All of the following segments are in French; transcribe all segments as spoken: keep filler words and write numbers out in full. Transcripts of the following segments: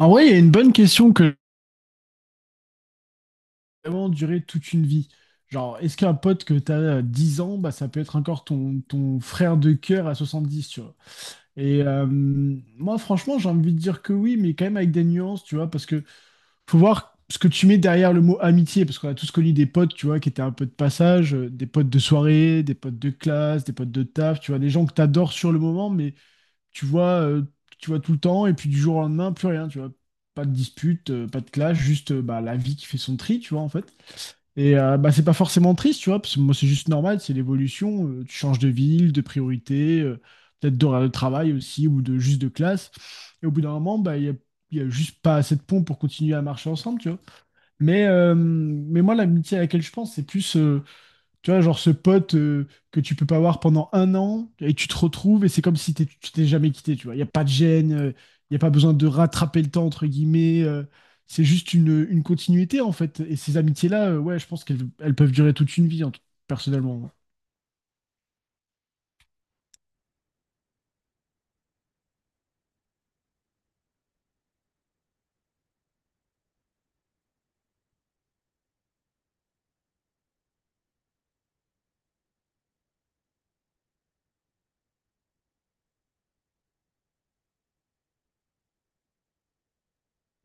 En vrai, il y a une bonne question que vraiment durer toute une vie. Genre, est-ce qu'un pote que tu as dix ans, bah, ça peut être encore ton, ton frère de cœur à soixante-dix, tu vois. Et euh, moi, franchement, j'ai envie de dire que oui, mais quand même avec des nuances, tu vois, parce que faut voir ce que tu mets derrière le mot amitié, parce qu'on a tous connu des potes, tu vois, qui étaient un peu de passage, euh, des potes de soirée, des potes de classe, des potes de taf, tu vois, des gens que tu adores sur le moment, mais tu vois, euh, tu vois tout le temps, et puis du jour au lendemain, plus rien, tu vois. Pas de dispute, euh, pas de clash, juste euh, bah, la vie qui fait son tri, tu vois, en fait. Et euh, bah, c'est pas forcément triste, tu vois, parce que moi, c'est juste normal, c'est l'évolution. Euh, tu changes de ville, de priorité, euh, peut-être d'horaire de travail aussi, ou de juste de classe. Et au bout d'un moment, bah, il y a, il y a juste pas assez de pont pour continuer à marcher ensemble, tu vois. Mais, euh, mais moi, l'amitié à laquelle je pense, c'est plus. Euh, tu vois, genre ce pote euh, que tu peux pas voir pendant un an et tu te retrouves et c'est comme si t'es- tu t'es jamais quitté, tu vois. Il n'y a pas de gêne, il n'y a pas besoin de rattraper le temps, entre guillemets. Euh, c'est juste une, une continuité, en fait. Et ces amitiés-là, euh, ouais, je pense qu'elles elles peuvent durer toute une vie, en tout- personnellement.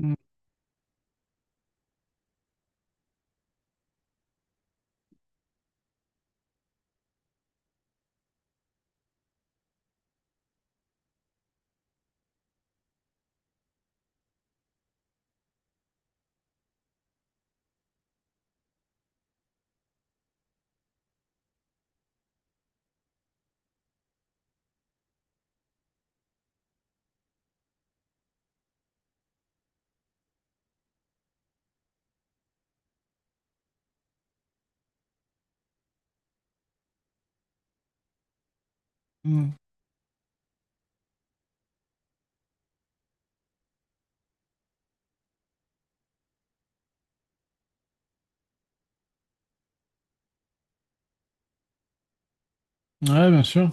Mm, mm. Ouais, bien sûr.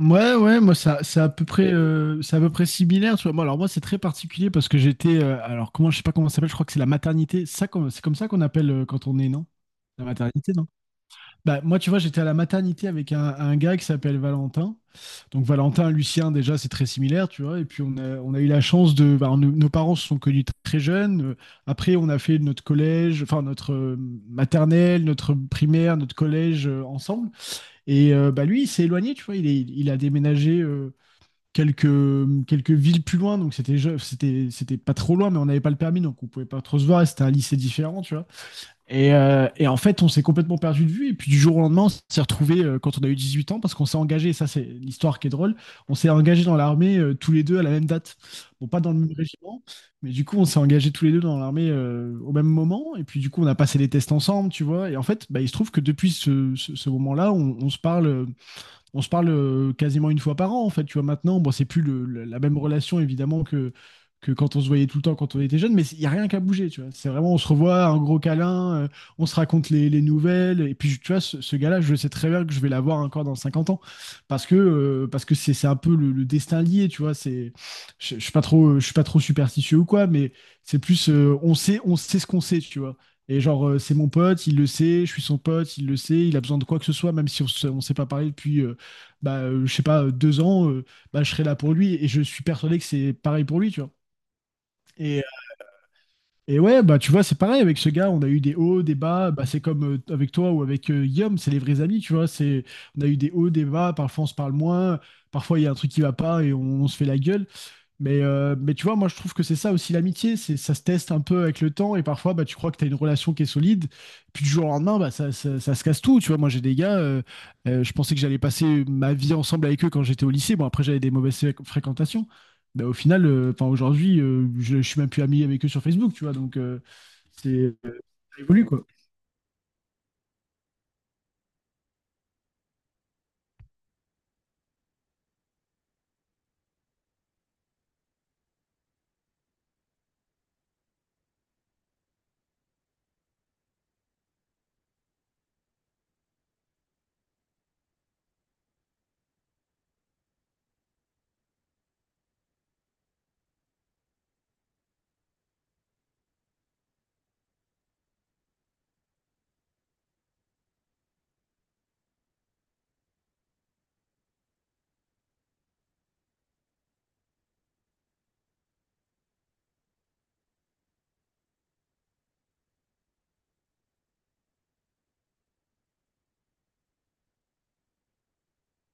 Ouais, ouais, moi, ça, c'est à peu près, euh, c'est à peu près similaire, tu vois. Moi, alors, moi, c'est très particulier parce que j'étais, euh, alors, comment, je sais pas comment ça s'appelle, je crois que c'est la maternité. Ça, comme- c'est comme ça qu'on appelle euh, quand on est, non? La maternité, non? Bah, moi, tu vois, j'étais à la maternité avec un, un gars qui s'appelle Valentin. Donc, Valentin, Lucien, déjà, c'est très similaire, tu vois. Et puis, on a, on a eu la chance de. Bah, nos, nos parents se sont connus très jeunes. Euh, Après, on a fait notre collège, enfin, notre euh, maternelle, notre primaire, notre collège euh, ensemble. Et euh, bah, lui, il s'est éloigné, tu vois. Il est- il a déménagé euh, quelques, quelques villes plus loin. Donc, c'était, je- c'était, c'était pas trop loin, mais on n'avait pas le permis. Donc, on pouvait pas trop se voir. Et c'était un lycée différent, tu vois. Et, euh, et en fait, on s'est complètement perdu de vue. Et puis du jour au lendemain, on s'est retrouvé euh, quand on a eu dix-huit ans, parce qu'on s'est engagé, ça c'est l'histoire qui est drôle, on s'est engagé dans l'armée euh, tous les deux à la même date. Bon, pas dans le même régiment, mais du coup, on s'est engagés tous les deux dans l'armée euh, au même moment. Et puis du coup, on a passé les tests ensemble, tu vois. Et en fait, bah, il se trouve que depuis ce, ce- ce moment-là, on, on se parle euh, on se parle euh, quasiment une fois par an, en fait, tu vois, maintenant. Bon, c'est plus le- le- la même relation, évidemment, que, que quand on se voyait tout le temps quand on était jeune, mais il n'y a rien qu'à bouger, tu vois. C'est vraiment, on se revoit, un gros câlin, euh, on se raconte les, les nouvelles, et puis, tu vois, ce, ce gars-là, je sais très bien que je vais l'avoir encore dans cinquante ans, parce que euh, parce que c'est c'est un peu le, le destin lié, tu vois, c'est... Je je suis pas trop, je suis pas trop superstitieux ou quoi, mais c'est plus, euh, on sait, on sait ce qu'on sait, tu vois. Et genre, euh, c'est mon pote, il le sait, je suis son pote, il le sait, il a besoin de quoi que ce soit, même si on ne s'est pas parlé depuis euh, bah, euh, je sais pas, euh, deux ans, euh, bah, je serai là pour lui. Et je suis persuadé que c'est pareil pour lui, tu vois. Et, euh, et ouais, bah, tu vois, c'est pareil avec ce gars. On a eu des hauts, des bas. Bah, c'est comme euh, avec toi ou avec euh, Guillaume, c'est les vrais amis, tu vois. C'est, on a eu des hauts, des bas. Parfois, on se parle moins. Parfois, il y a un truc qui va pas et on, on se fait la gueule. Mais, euh, mais tu vois, moi je trouve que c'est ça aussi l'amitié, c'est ça se teste un peu avec le temps et parfois bah, tu crois que tu as une relation qui est solide, puis du jour au lendemain, bah, ça, ça, ça se casse tout. Tu vois, moi j'ai des gars, euh, euh, je pensais que j'allais passer ma vie ensemble avec eux quand j'étais au lycée. Bon, après j'avais des mauvaises fréq- fréquentations, mais au final, euh, enfin aujourd'hui, euh, je, je suis même plus ami avec eux sur Facebook, tu vois, donc euh, c'est euh, ça évolue quoi.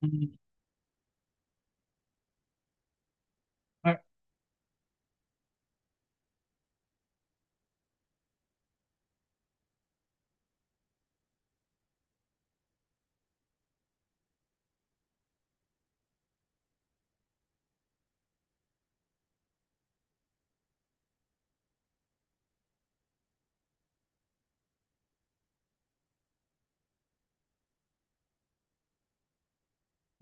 Mm. Ouais,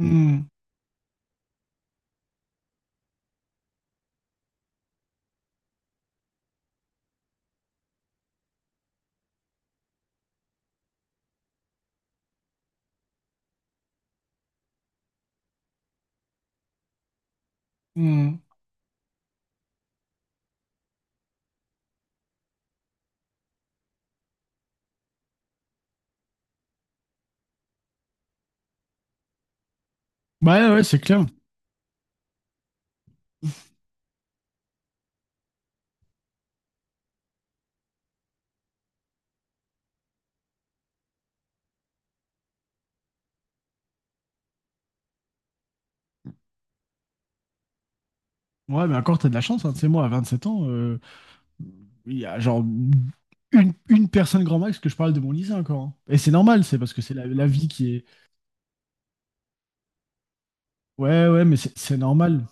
mm. Mm. Ouais, ouais, c'est clair. Ouais, mais encore, t'as de la chance, hein. Tu sais, moi, à vingt sept ans, euh, il y a genre une, une personne grand max que je parle de mon lycée encore. Hein. Et c'est normal, c'est parce que c'est la, la vie qui est. Ouais, ouais, mais c'est c'est normal.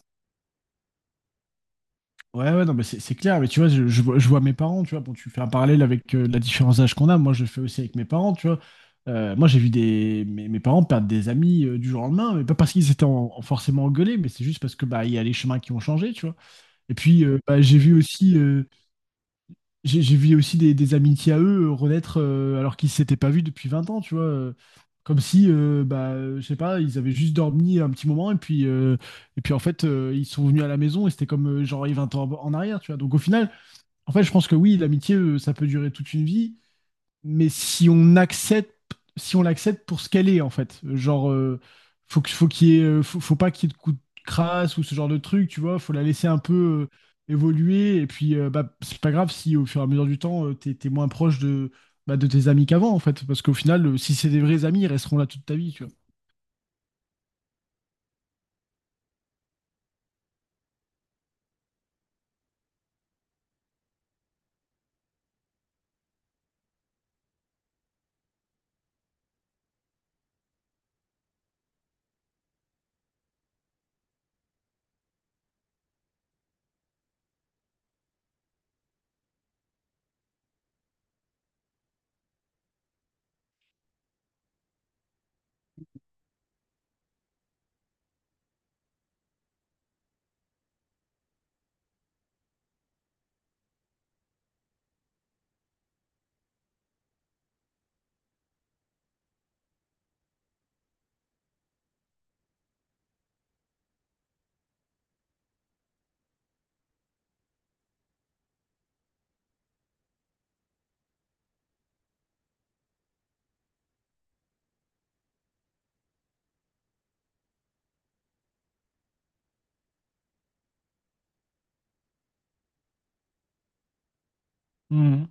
Ouais, ouais, non, mais c'est c'est clair. Mais tu vois, je, je vois, je vois mes parents, tu vois. Bon, tu fais un parallèle avec euh, la différence d'âge qu'on a. Moi, je le fais aussi avec mes parents, tu vois. Euh, moi, j'ai vu des, mes, mes parents perdre des amis euh, du jour au lendemain, mais pas parce qu'ils étaient en- en forcément engueulés, mais c'est juste parce que bah, il y a les chemins qui ont changé, tu vois. Et puis, euh, bah, j'ai vu aussi. euh, j'ai j'ai vu aussi des, des amitiés à eux euh, renaître euh, alors qu'ils s'étaient pas vus depuis vingt ans, tu vois. Euh, comme si, euh, bah, euh, je sais pas, ils avaient juste dormi un petit moment et puis, euh, et puis en fait, euh, ils sont venus à la maison et c'était comme euh, genre il y a vingt ans en en arrière, tu vois. Donc au final, en fait, je pense que oui, l'amitié, euh, ça peut durer toute une vie mais si on accepte, si on l'accepte pour ce qu'elle est, en fait. Genre, euh, faut que, faut qu'il y ait, euh, faut, faut pas qu'il y ait de coups de crasse ou ce genre de truc, tu vois. Faut la laisser un peu euh, évoluer. Et puis, euh, bah, c'est pas grave si au fur et à mesure du temps, euh, t'es, t'es moins proche de, bah, de tes amis qu'avant, en fait. Parce qu'au final, euh, si c'est des vrais amis, ils resteront là toute ta vie, tu vois.